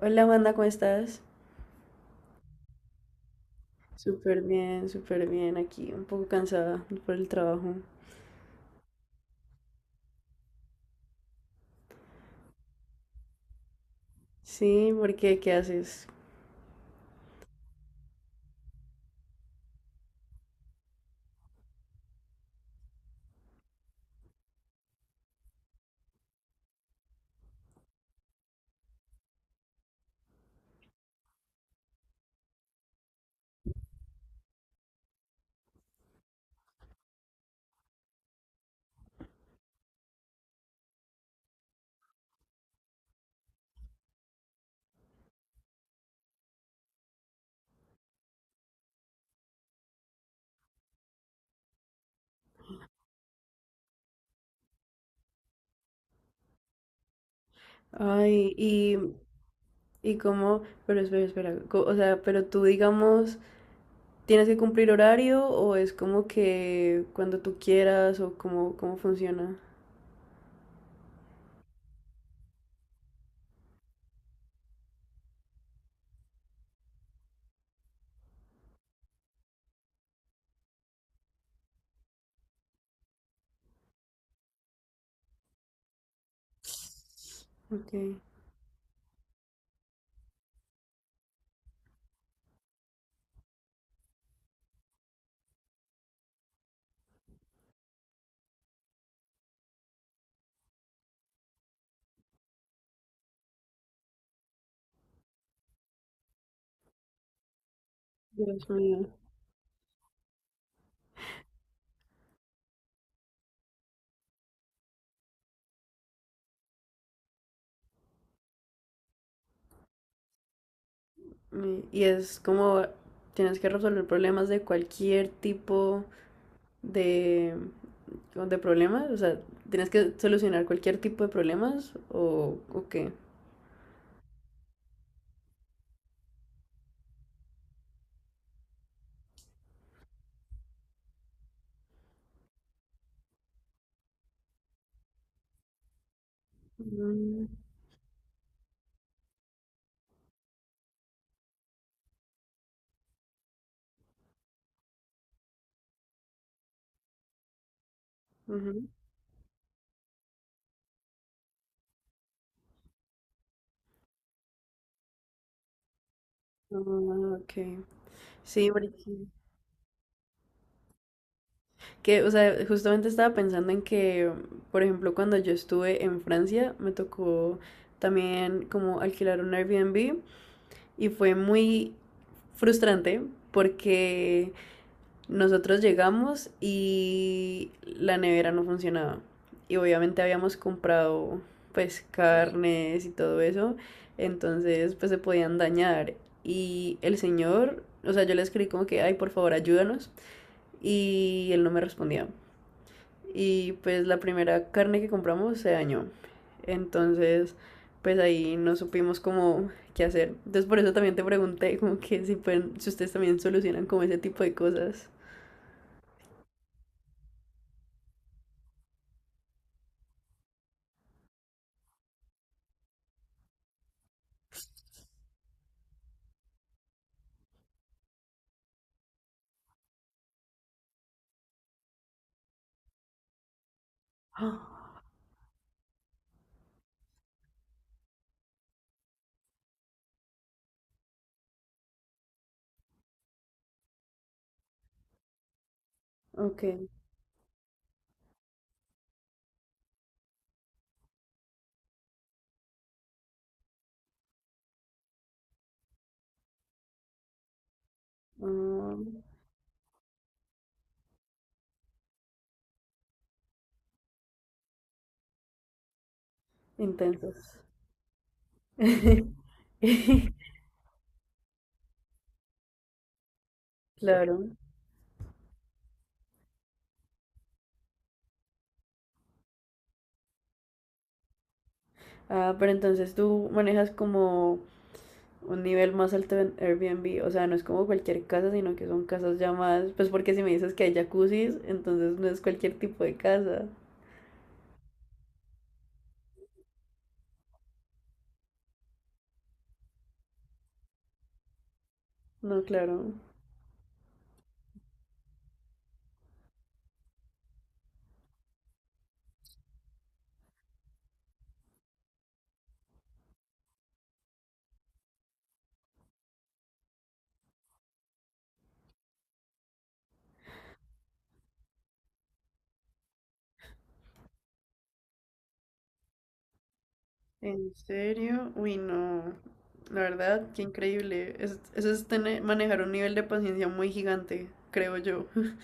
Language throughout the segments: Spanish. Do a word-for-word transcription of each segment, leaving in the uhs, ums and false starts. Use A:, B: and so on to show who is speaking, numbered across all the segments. A: Hola, Amanda, ¿cómo estás? Súper bien, súper bien aquí, un poco cansada por el trabajo. Sí, ¿por qué? ¿Qué haces? Ay, y, y cómo, pero espera, espera, co- o sea, pero tú digamos, ¿tienes que cumplir horario o es como que cuando tú quieras o cómo, cómo funciona? Ok. Dios mío. Y y es como, tienes que resolver problemas de cualquier tipo. De, de problemas? O sea, ¿tienes que solucionar cualquier tipo de problemas o, o qué? Mm, ujú. Ah, okay. Sí, porque- que, o sea, justamente estaba pensando en que, por ejemplo, cuando yo estuve en Francia, me tocó también como alquilar un Airbnb y fue muy frustrante porque nosotros llegamos y la nevera no funcionaba. Y obviamente habíamos comprado pues carnes y todo eso. Entonces pues se podían dañar. Y el señor, o sea, yo le escribí como que, ay, por favor, ayúdanos. Y él no me respondía. Y pues la primera carne que compramos se dañó. Entonces pues ahí no supimos cómo qué hacer. Entonces por eso también te pregunté como que si, pueden, si ustedes también solucionan como ese tipo de cosas. Ok. Mm, intensos. Claro. Ah, pero entonces tú manejas como un nivel más alto en Airbnb, o sea, no es como cualquier casa, sino que son casas ya más, pues porque si me dices que hay jacuzzis, entonces no es cualquier tipo de casa. No, claro. ¿En serio? Uy, no. La verdad, qué increíble. Es- eso es tener, manejar un nivel de paciencia muy gigante, creo yo.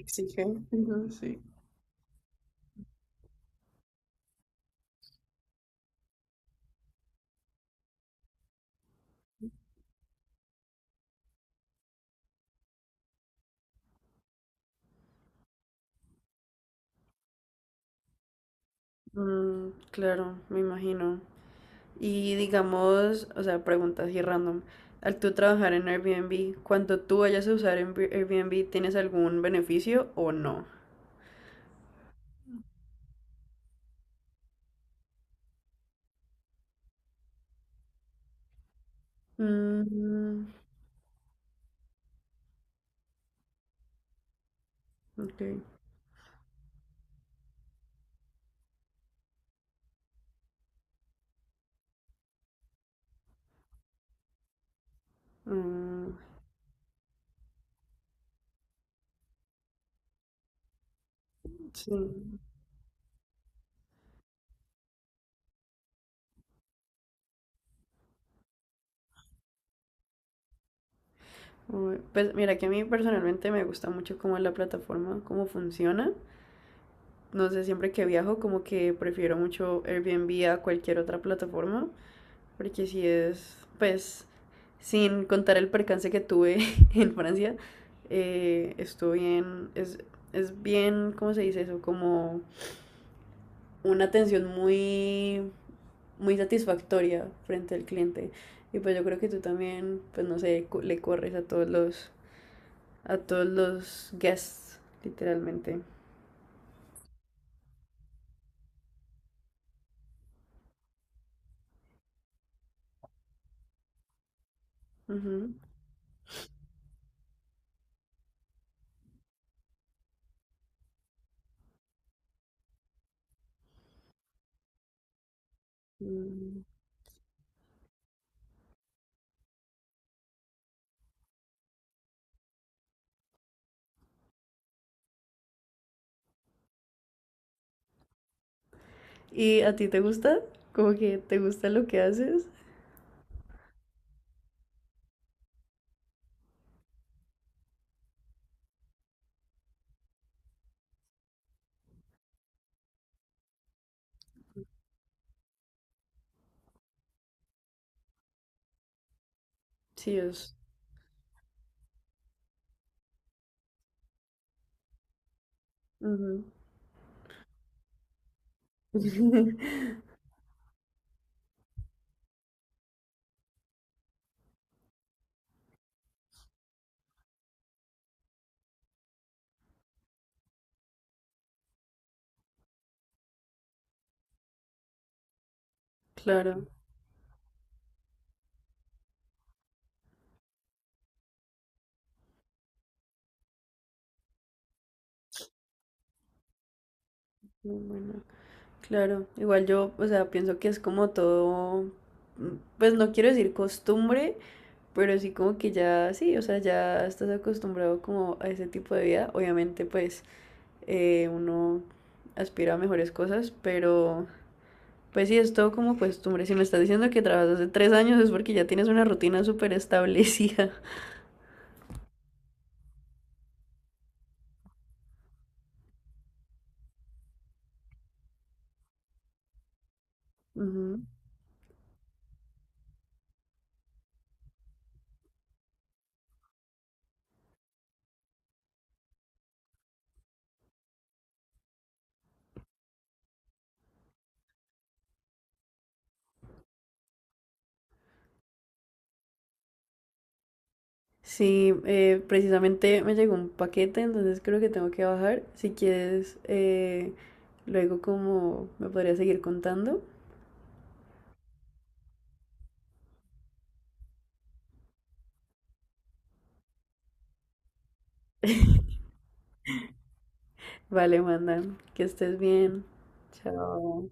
A: Exige. Ujú, sí. Mm, claro, me imagino. Y digamos, o sea, preguntas así random. Al tú trabajar en Airbnb, cuando tú vayas a usar en Airbnb, ¿tienes algún beneficio o no? Mm, ok. Mm, sí. Uy, pues mira que a mí personalmente me gusta mucho cómo es la plataforma, cómo funciona. No sé, siempre que viajo como que prefiero mucho Airbnb a cualquier otra plataforma. Porque si es, pues, sin contar el percance que tuve en Francia, eh, estuvo bien, es, es bien, ¿cómo se dice eso? Como una atención muy, muy satisfactoria frente al cliente. Y pues yo creo que tú también, pues no sé, le corres a todos los, a todos los guests, literalmente. Ujú. Mm. ¿Y a ti te gusta? ¿Como que te gusta lo que haces? Sí, es. Ujú. Claro. No, bueno, claro, igual yo, o sea, pienso que es como todo, mm, pues no quiero decir costumbre, pero sí como que ya, sí, o sea, ya estás acostumbrado como a ese tipo de vida. Obviamente, pues eh, uno aspira a mejores cosas, pero pues sí, es todo como costumbre. Si me estás diciendo que trabajas hace tres años es porque ya tienes una rutina súper establecida. Sí, eh, precisamente me llegó un paquete, entonces creo que tengo que bajar. Si quieres, eh, luego como me podría seguir contando. Vale, mandan, que estés bien. Chao.